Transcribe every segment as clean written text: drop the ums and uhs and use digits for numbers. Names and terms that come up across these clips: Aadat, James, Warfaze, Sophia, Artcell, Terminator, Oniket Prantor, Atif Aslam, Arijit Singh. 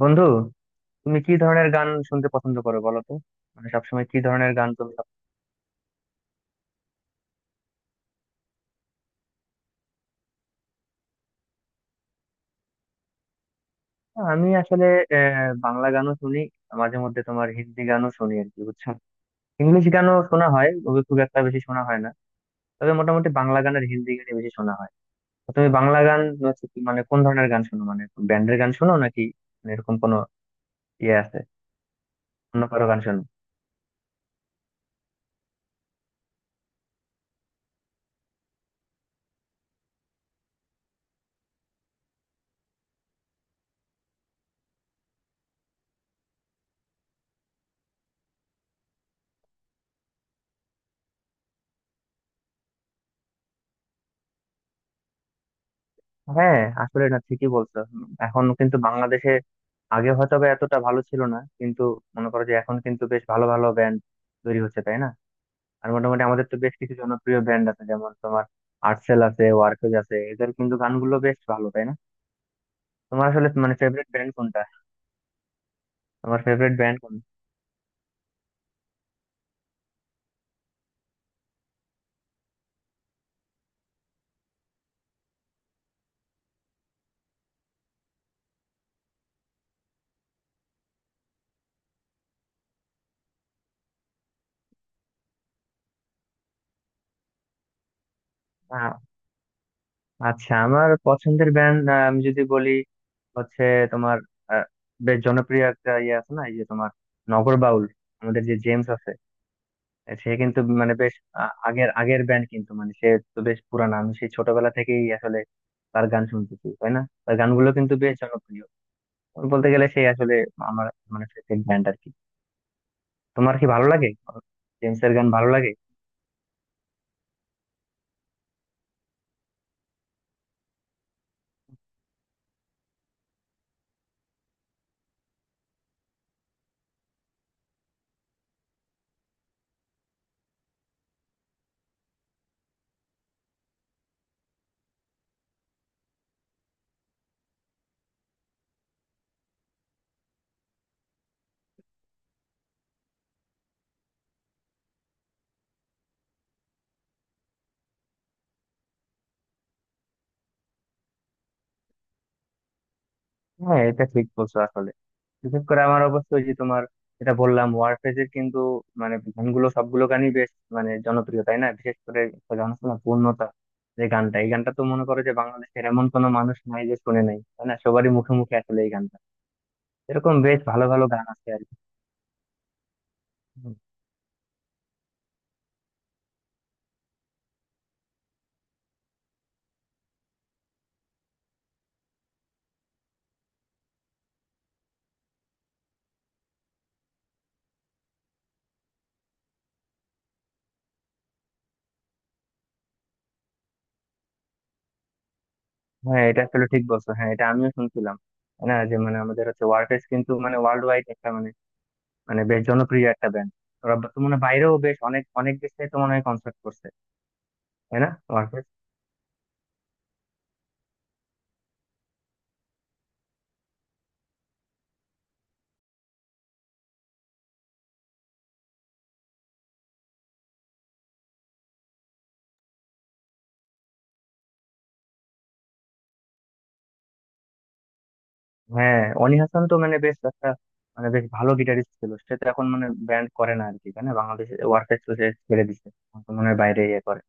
বন্ধু, তুমি কি ধরনের গান শুনতে পছন্দ করো বলো তো। মানে সবসময় কি ধরনের গান তুমি সব- আমি আসলে বাংলা গানও শুনি। মাঝে মধ্যে তোমার হিন্দি গানও শুনি আর কি, বুঝছো? ইংলিশ গানও শোনা হয়, ওগুলো খুব একটা বেশি শোনা হয় না। তবে মোটামুটি বাংলা গান আর হিন্দি গানই বেশি শোনা হয়। তো তুমি বাংলা গান হচ্ছে মানে কোন ধরনের গান শোনো? মানে ব্যান্ডের গান শোনো নাকি, মানে এরকম কোনো ইয়ে আছে? অন্য কারো গান শোনো? হ্যাঁ, আসলে না, ঠিকই বলছো। এখন কিন্তু বাংলাদেশে, আগে হয়তো বা এতটা ভালো ছিল না, কিন্তু মনে করো যে এখন কিন্তু বেশ ভালো ভালো ব্যান্ড তৈরি হচ্ছে, তাই না? আর মোটামুটি আমাদের তো বেশ কিছু জনপ্রিয় ব্যান্ড আছে, যেমন তোমার আর্টসেল আছে, ওয়ারফেজ আছে, এদের কিন্তু গানগুলো বেশ ভালো, তাই না? তোমার আসলে মানে ফেভারিট ব্যান্ড কোনটা? তোমার ফেভারিট ব্যান্ড কোন? আ- আচ্ছা, আমার পছন্দের ব্যান্ড আমি যদি বলি হচ্ছে তোমার, আহ, বেশ জনপ্রিয় একটা ইয়ে আছে না, এই যে তোমার নগরবাউল, আমাদের যে জেমস আছে, সে কিন্তু মানে বেশ আগের আগের ব্যান্ড কিন্তু, মানে সে তো বেশ পুরানা। আমি সেই ছোটবেলা থেকেই আসলে তার গান শুনতেছি, তাই না? তার গানগুলো কিন্তু বেশ জনপ্রিয়, বলতে গেলে সে আসলে আমার মানে ফেভারিট ব্যান্ড আর কি। তোমার কি ভালো লাগে? জেমস এর গান ভালো লাগে? হ্যাঁ, এটা ঠিক বলছো আসলে। বিশেষ করে আমার অবশ্যই, যে তোমার এটা বললাম, ওয়ারফেজ এর কিন্তু মানে গানগুলো সবগুলো গানই বেশ মানে জনপ্রিয়, তাই না? বিশেষ করে একটা গান আছে না, পূর্ণতা, যে গানটা, এই গানটা তো মনে করো যে বাংলাদেশের এমন কোনো মানুষ নাই যে শুনে নাই, তাই না? সবারই মুখে মুখে আসলে এই গান। এরকম বেশ ভালো ভালো গান আছে আর কি। হুম। হ্যাঁ, এটা আসলে ঠিক বলছো। হ্যাঁ, এটা আমিও শুনছিলাম না, যে মানে আমাদের হচ্ছে ওয়ারফেজ কিন্তু মানে ওয়ার্ল্ড ওয়াইড একটা মানে, মানে বেশ জনপ্রিয় একটা ব্যান্ড। তো মানে বাইরেও বেশ অনেক অনেক দেশে তো মনে হয় কনসার্ট করছে, তাই না ওয়ারফেজ? হ্যাঁ, অনি হাসান তো মানে বেশ একটা মানে বেশ ভালো গিটারিস্ট ছিল। সে তো এখন মানে ব্যান্ড করে না আর কি, তাই না? বাংলাদেশে ওয়ারফেজ তো সে ছেড়ে দিছে, এখন তো মনে হয় বাইরে ইয়ে করে।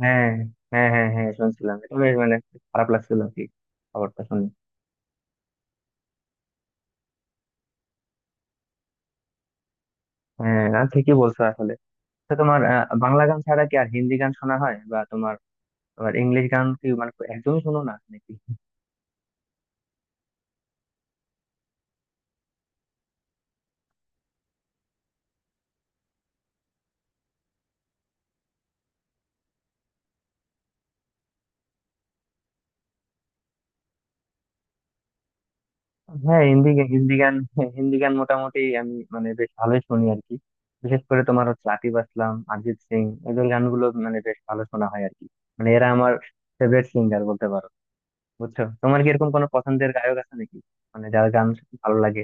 হ্যাঁ হ্যাঁ হ্যাঁ হ্যাঁ, শুনছিলাম এটা। বেশ মানে খারাপ লাগছিল আর কি খবরটা শুনে। হ্যাঁ, না, ঠিকই বলছো আসলে। তো তোমার বাংলা গান ছাড়া কি আর হিন্দি গান শোনা হয় বা তোমার আবার ইংলিশ গান কি মানে একদমই শোনো না নাকি? হ্যাঁ, হিন্দি গান, হিন্দি গান মোটামুটি আমি মানে বেশ ভালোই শুনি আর কি। বিশেষ করে তোমার হচ্ছে আতিফ আসলাম, অরিজিৎ সিং, এদের গানগুলো মানে বেশ ভালো শোনা হয় আর কি। মানে এরা আমার ফেভারিট সিঙ্গার বলতে পারো, বুঝছো? তোমার কি এরকম কোনো পছন্দের গায়ক আছে নাকি, মানে যার গান ভালো লাগে?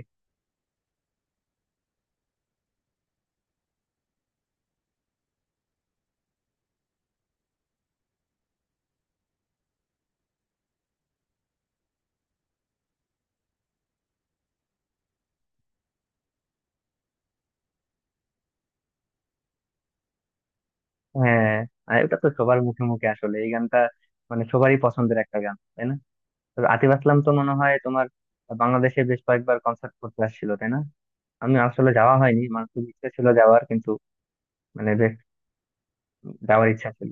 হ্যাঁ, আর এটা তো সবার মুখে মুখে আসলে এই গানটা, মানে সবারই পছন্দের একটা গান, তাই না? তবে আতিফ আসলাম তো মনে হয় তোমার বাংলাদেশে বেশ কয়েকবার কনসার্ট করতে আসছিল, তাই না? আমি আসলে যাওয়া হয়নি, মানে খুব ইচ্ছা ছিল যাওয়ার, কিন্তু মানে বেশ যাওয়ার ইচ্ছা ছিল।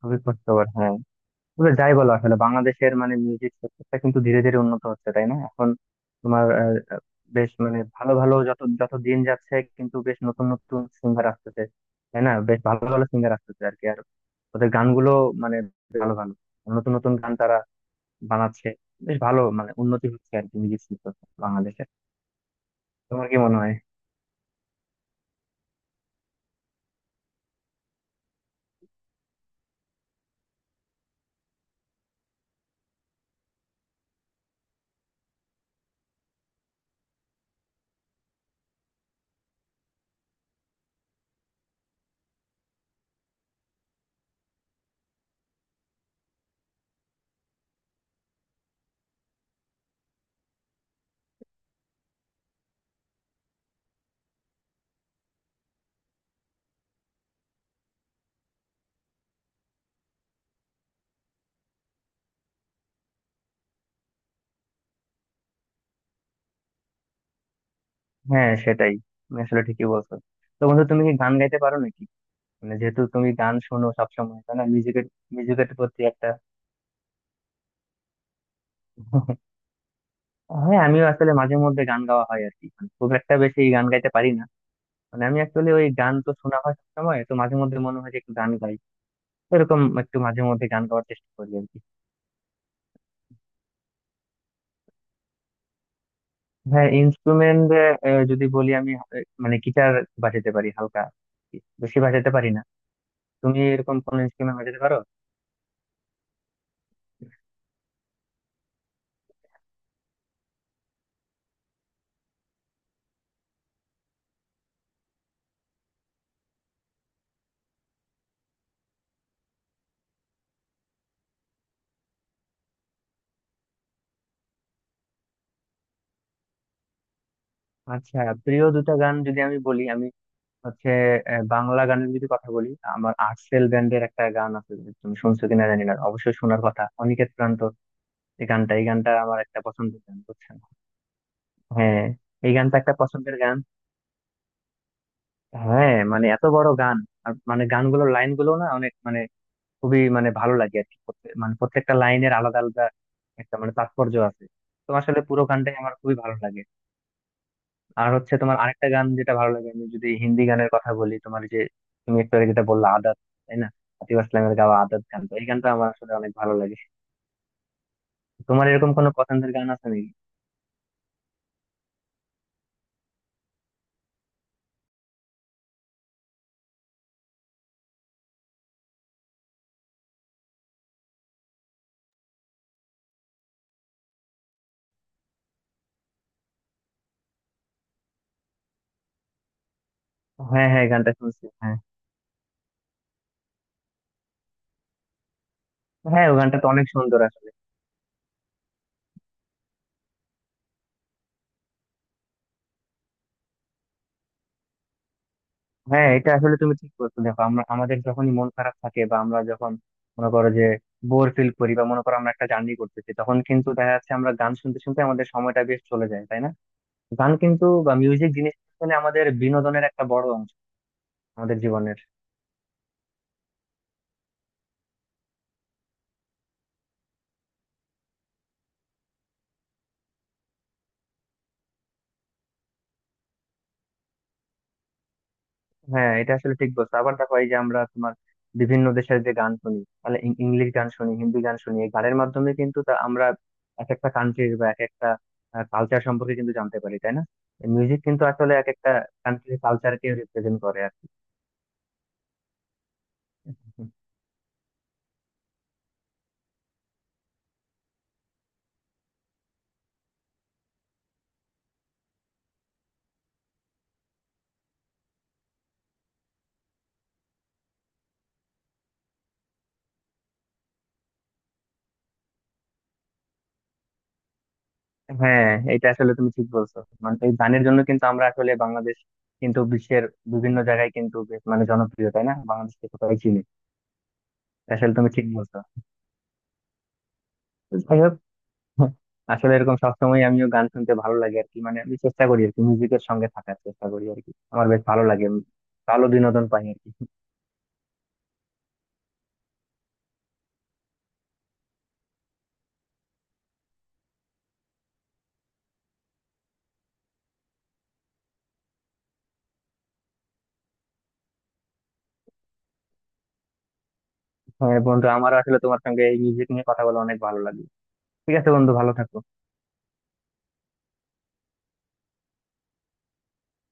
খুবই কষ্টকর, হ্যাঁ। তবে যাই বলো, আসলে বাংলাদেশের মানে মিউজিক সেক্টরটা কিন্তু ধীরে ধীরে উন্নত হচ্ছে, তাই না এখন? তোমার আহ, আহ, বেশ মানে ভালো ভালো, যত যত দিন যাচ্ছে কিন্তু বেশ নতুন নতুন সিঙ্গার আসতেছে, তাই না? বেশ ভালো ভালো সিঙ্গার আসতেছে আর কি। আর ওদের গানগুলো মানে ভালো ভালো নতুন নতুন গান তারা বানাচ্ছে। বেশ ভালো মানে উন্নতি হচ্ছে আর কি মিউজিক শিল্প বাংলাদেশে। তোমার কি মনে হয়? হ্যাঁ, সেটাই, তুমি আসলে ঠিকই বলছো। তো বন্ধু, তুমি কি গান গাইতে পারো নাকি? মানে যেহেতু তুমি গান শোনো সবসময়, তাই না, মিউজিকের, মিউজিকের প্রতি একটা হ্যাঁ, আমিও আসলে মাঝে মধ্যে গান গাওয়া হয় আর কি। মানে খুব একটা বেশি গান গাইতে পারি না। মানে আমি অ্যাকচুয়ালি ওই গান তো শোনা হয় সবসময় তো মাঝে মধ্যে মনে হয় যে একটু গান গাই, এরকম একটু মাঝে মধ্যে গান গাওয়ার চেষ্টা করি আর কি। হ্যাঁ, ইনস্ট্রুমেন্ট যদি বলি, আমি মানে গিটার বাজাতে পারি হালকা, বেশি বাজাতে পারি না। তুমি এরকম কোন ইনস্ট্রুমেন্ট বাজাতে পারো? আচ্ছা, প্রিয় দুটো গান যদি আমি বলি, আমি হচ্ছে বাংলা গানের যদি কথা বলি, আমার আর্টসেল ব্যান্ডের একটা গান আছে, যদি তুমি শুনছো কিনা জানি না, অবশ্যই শোনার কথা, অনিকেত প্রান্তর। এই গানটা, এই গানটা আমার একটা পছন্দের গান, বুঝছেন? হ্যাঁ, এই গানটা একটা পছন্দের গান। হ্যাঁ, মানে এত বড় গান, আর মানে গানগুলোর লাইনগুলো না অনেক মানে খুবই মানে ভালো লাগে আর কি। মানে প্রত্যেকটা লাইনের আলাদা আলাদা একটা মানে তাৎপর্য আছে। তো আসলে পুরো গানটাই আমার খুবই ভালো লাগে। আর হচ্ছে তোমার আরেকটা গান যেটা ভালো লাগে, আমি যদি হিন্দি গানের কথা বলি, তোমার যে তুমি একটু আগে যেটা বললা, আদাত, তাই না? আতিফ আসলামের গাওয়া আদাত গান, তো এই গানটা আমার আসলে অনেক ভালো লাগে। তোমার এরকম কোনো পছন্দের গান আছে নাকি? হ্যাঁ হ্যাঁ, এই গানটা শুনছি, হ্যাঁ। হ্যাঁ, ওই গানটা তো অনেক সুন্দর আসলে। হ্যাঁ, এটা আসলে তুমি ঠিক বলছো। দেখো, আমরা আমাদের যখনই মন খারাপ থাকে, বা আমরা যখন মনে করো যে বোর ফিল করি, বা মনে করো আমরা একটা জার্নি করতেছি, তখন কিন্তু দেখা যাচ্ছে আমরা গান শুনতে শুনতে আমাদের সময়টা বেশ চলে যায়, তাই না? গান কিন্তু বা মিউজিক জিনিস আসলে আমাদের বিনোদনের একটা বড় অংশ আমাদের জীবনের। হ্যাঁ, এটা আসলে ঠিক বলছো। আবার দেখো, এই যে আমরা তোমার বিভিন্ন দেশের যে গান শুনি, তাহলে ইংলিশ গান শুনি, হিন্দি গান শুনি, এই গানের মাধ্যমে কিন্তু তা আমরা এক একটা কান্ট্রির বা এক একটা কালচার সম্পর্কে কিন্তু জানতে পারি, তাই না? মিউজিক কিন্তু আসলে এক একটা কান্ট্রির কালচারকে রিপ্রেজেন্ট করে আর কি। হ্যাঁ, এটা আসলে তুমি ঠিক বলছো। মানে এই গানের জন্য কিন্তু আমরা আসলে বাংলাদেশ কিন্তু বিশ্বের বিভিন্ন জায়গায় কিন্তু বেশ মানে জনপ্রিয়, তাই না? বাংলাদেশকে সবাই চিনি। এটা আসলে তুমি ঠিক বলছো। যাই হোক, আসলে এরকম সবসময় আমিও গান শুনতে ভালো লাগে আর কি। মানে আমি চেষ্টা করি আর কি মিউজিকের সঙ্গে থাকার চেষ্টা করি আর কি, আমার বেশ ভালো লাগে, ভালো বিনোদন পাই আর কি। হ্যাঁ বন্ধু, আমারও আসলে তোমার সঙ্গে এই মিউজিক নিয়ে কথা বলে অনেক ভালো লাগে। ঠিক আছে বন্ধু, ভালো থাকো।